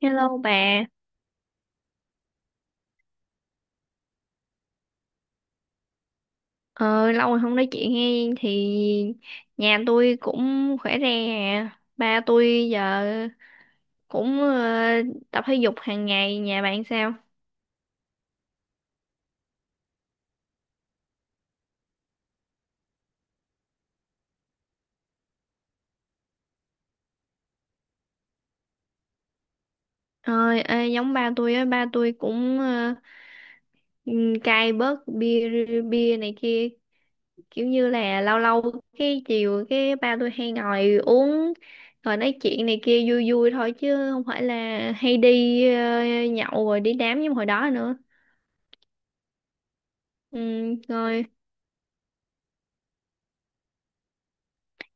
Hello bà, ờ, lâu rồi không nói chuyện hay thì nhà tôi cũng khỏe re à. Ba tôi giờ cũng tập thể dục hàng ngày, nhà bạn sao? Ơi, ê, giống ba tôi á, ba tôi cũng cai bớt bia bia này kia, kiểu như là lâu lâu cái chiều cái ba tôi hay ngồi uống rồi nói chuyện này kia vui vui thôi chứ không phải là hay đi nhậu rồi đi đám như hồi đó nữa. Ừ, rồi.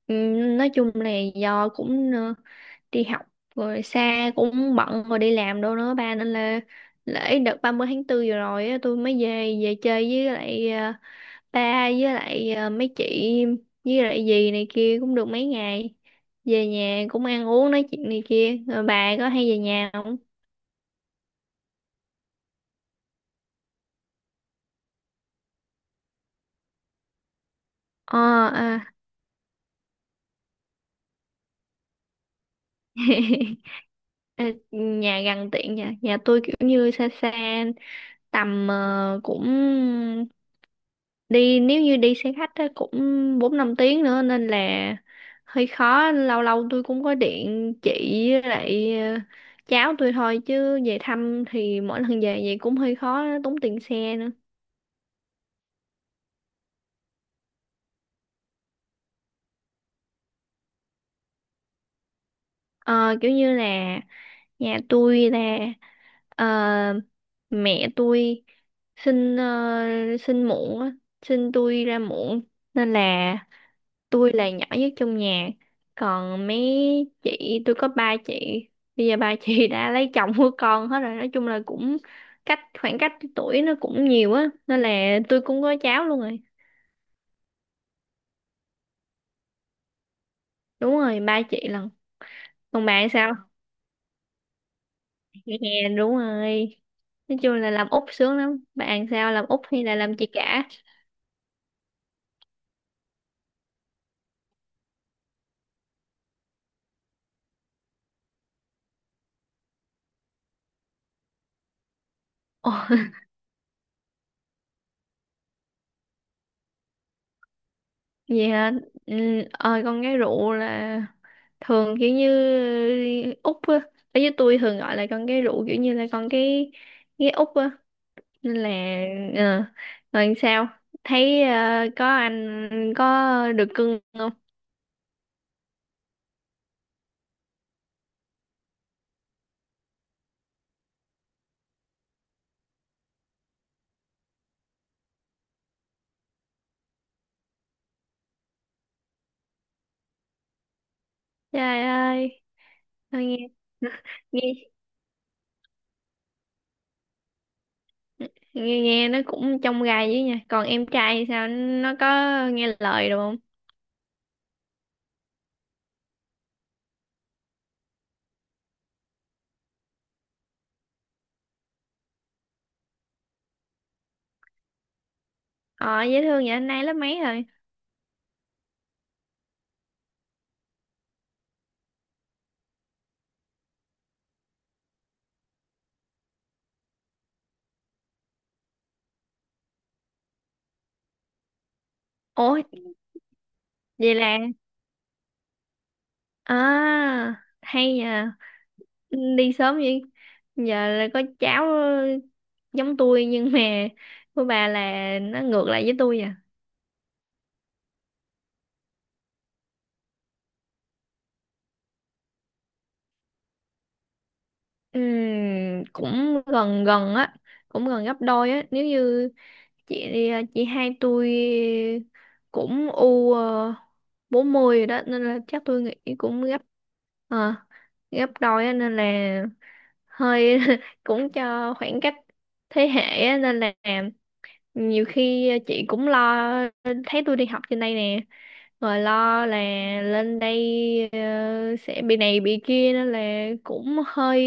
Ừ, nói chung là do cũng đi học rồi xa cũng bận rồi đi làm đâu nữa ba nên là lễ đợt ba mươi tháng 4 vừa rồi á, tôi mới về về chơi với lại ba với lại mấy chị với lại dì này kia cũng được mấy ngày về nhà cũng ăn uống nói chuyện này kia rồi bà có hay về nhà không? Ờ, à. Ờ, nhà gần tiện nhà nhà tôi kiểu như xa xa tầm cũng đi, nếu như đi xe khách á, cũng 4-5 tiếng nữa nên là hơi khó. Lâu lâu tôi cũng có điện chị với lại cháu tôi thôi chứ về thăm thì mỗi lần về vậy cũng hơi khó, tốn tiền xe nữa. Ờ, kiểu như là nhà tôi là ờ, mẹ tôi sinh ờ, sinh muộn á, sinh tôi ra muộn nên là tôi là nhỏ nhất trong nhà, còn mấy chị tôi có ba chị. Bây giờ ba chị đã lấy chồng của con hết rồi, nói chung là cũng khoảng cách tuổi nó cũng nhiều á nên là tôi cũng có cháu luôn rồi. Đúng rồi, ba chị lần. Còn bạn sao? Dạ, đúng rồi, nói chung là làm út sướng lắm, bạn sao, làm út hay là làm chị cả? Ồ, vậy hả? Ừ, con gái rượu là thường kiểu như út á. Ở với tôi thường gọi là con gái rượu kiểu như là con cái út á. Nên là ờ, rồi sao? Thấy có anh, có được cưng không? Trời ơi, thôi nghe nghe nó cũng trong gai với nha. Còn em trai thì sao? Nó có nghe lời được không? Ờ, dễ thương vậy, anh nay lớp mấy rồi? Ủa, vậy là, à, hay nhờ, đi sớm vậy giờ là có cháu giống tôi nhưng mà của bà là nó ngược lại với tôi à. Cũng gần gần á, cũng gần gấp đôi á, nếu như chị chị hai tôi cũng u 40 rồi đó nên là chắc tôi nghĩ cũng ờ, gấp đôi á nên là hơi cũng cho khoảng cách thế hệ á, nên là nhiều khi chị cũng lo, thấy tôi đi học trên đây nè rồi lo là lên đây sẽ bị này bị kia nên là cũng hơi,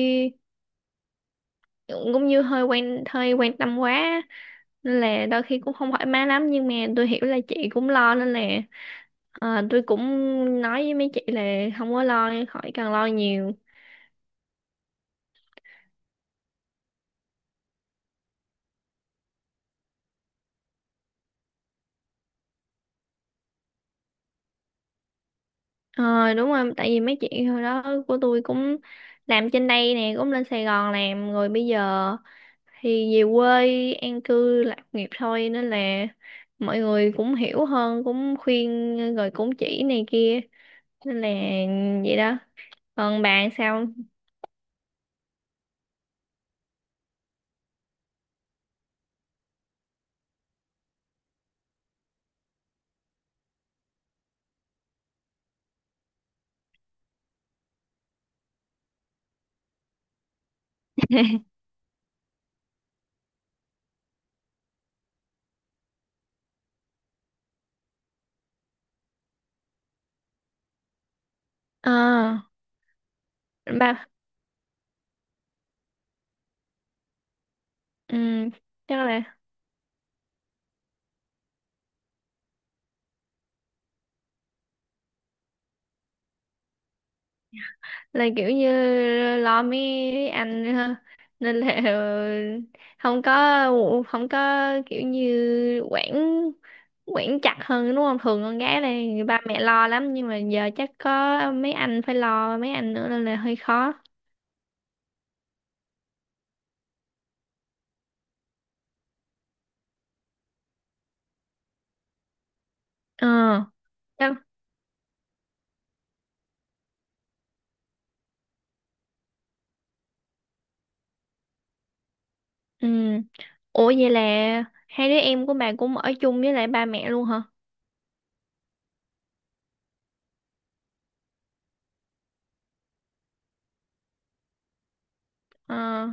cũng như hơi quan tâm quá nên là đôi khi cũng không thoải mái lắm, nhưng mà tôi hiểu là chị cũng lo nên là ờ, tôi cũng nói với mấy chị là không có lo, khỏi cần lo nhiều. Ờ, đúng rồi, tại vì mấy chị hồi đó của tôi cũng làm trên đây nè, cũng lên Sài Gòn làm rồi bây giờ thì về quê an cư lạc nghiệp thôi nên là mọi người cũng hiểu hơn, cũng khuyên rồi cũng chỉ này kia nên là vậy đó. Còn bạn sao? Ờ, ba, ừ, chắc là kiểu như lo mấy anh ha, nên là không có không có kiểu như quản quản chặt hơn đúng không, thường con gái là ba mẹ lo lắm nhưng mà giờ chắc có mấy anh phải lo mấy anh nữa nên là hơi khó. Ờ, chắc. Ừ. Ủa, vậy là hai đứa em của bà cũng ở chung với lại ba mẹ luôn hả? Ờ,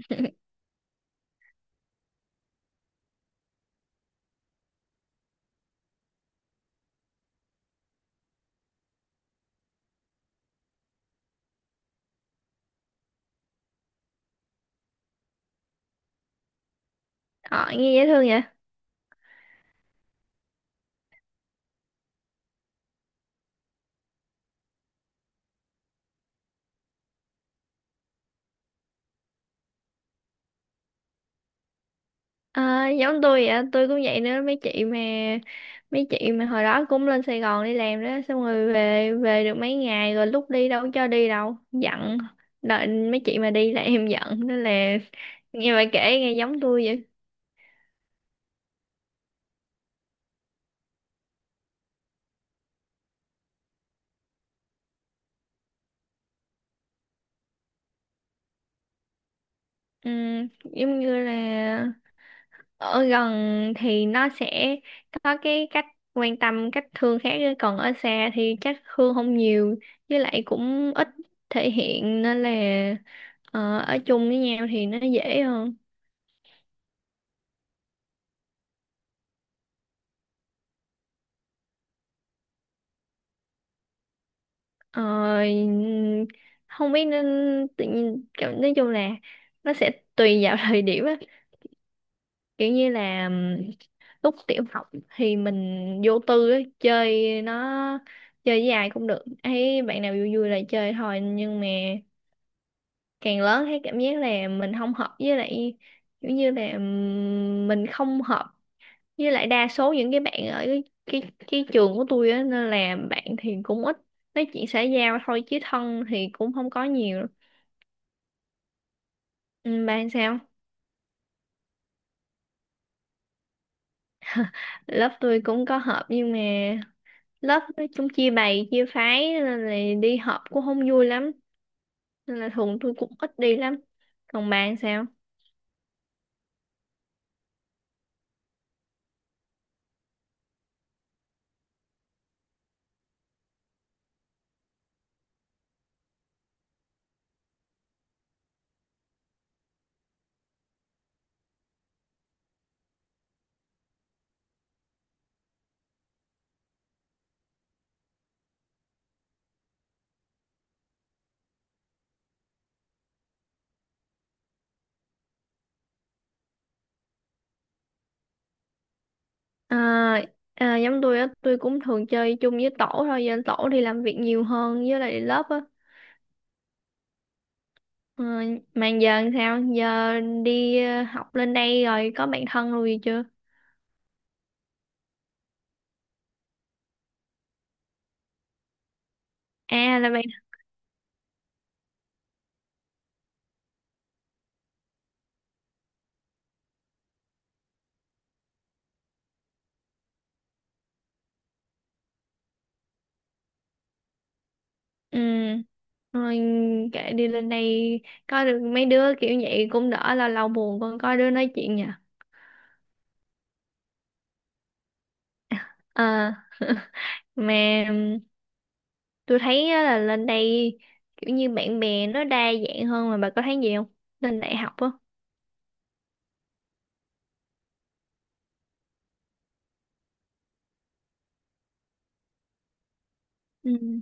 ờ nghe dễ thương vậy. Ờ, giống tôi vậy, tôi cũng vậy nữa, mấy chị mà hồi đó cũng lên Sài Gòn đi làm đó, xong rồi về về được mấy ngày rồi lúc đi đâu có cho đi đâu giận, đợi mấy chị mà đi là em giận nên là nghe bà kể nghe giống tôi vậy. Ừ, giống như là ở gần thì nó sẽ có cái cách quan tâm cách thương khác ấy. Còn ở xa thì chắc thương không nhiều, với lại cũng ít thể hiện nên là ờ, ở chung với nhau thì nó dễ hơn. Ờ, không biết nên tự nhiên kiểu, nói chung là nó sẽ tùy vào thời điểm á, kiểu như là lúc tiểu học thì mình vô tư á, chơi nó chơi với ai cũng được, thấy bạn nào vui vui là chơi thôi nhưng mà càng lớn thấy cảm giác là mình không hợp với lại, kiểu như là mình không hợp với lại đa số những cái bạn ở cái trường của tôi á nên là bạn thì cũng ít, nói chuyện xã giao thôi chứ thân thì cũng không có nhiều. Ừ, bạn sao? Lớp tôi cũng có họp nhưng mà lớp nói chung chia bầy chia phái nên là đi họp cũng không vui lắm, nên là thường tôi cũng ít đi lắm. Còn bạn sao? À, à, giống tôi á, tôi cũng thường chơi chung với tổ thôi, giờ tổ đi làm việc nhiều hơn với lại lớp á. Ờ, mà giờ làm sao? Giờ đi học lên đây rồi có bạn thân rồi gì chưa? À, là bạn. Ừ, rồi kệ, đi lên đây có được mấy đứa kiểu vậy cũng đỡ, là lâu buồn còn có đứa nói chuyện nhỉ. À, mà tôi thấy á, là lên đây kiểu như bạn bè nó đa dạng hơn, mà bà có thấy gì không? Lên đại học á. Ừ.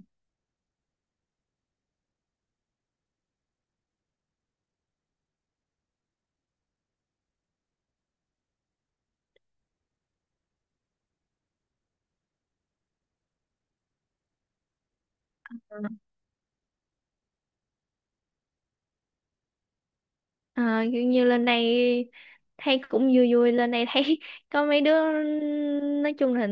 À, kiểu như lên đây thấy cũng vui vui, lên đây thấy có mấy đứa nói chung là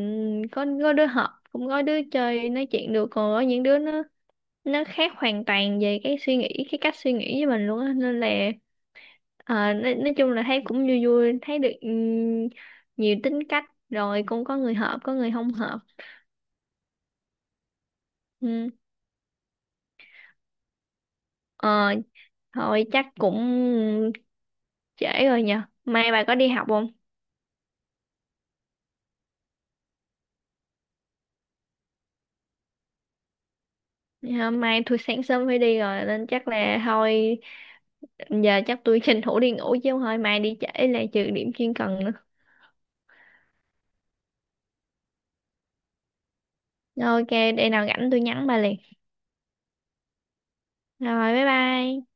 có đứa hợp cũng có đứa chơi nói chuyện được, còn có những đứa nó khác hoàn toàn về cái cách suy nghĩ với mình luôn á nên là nói chung là thấy cũng vui vui, thấy được nhiều tính cách, rồi cũng có người hợp có người không hợp. Ừ. Ờ, thôi chắc cũng trễ rồi nhờ, mai bà có đi học không? Dạ, mai tôi sáng sớm phải đi rồi nên chắc là thôi, giờ chắc tôi tranh thủ đi ngủ chứ không thôi mai đi trễ là trừ điểm chuyên cần nữa. Ok, để nào rảnh tôi nhắn bà liền. Rồi, bye bye.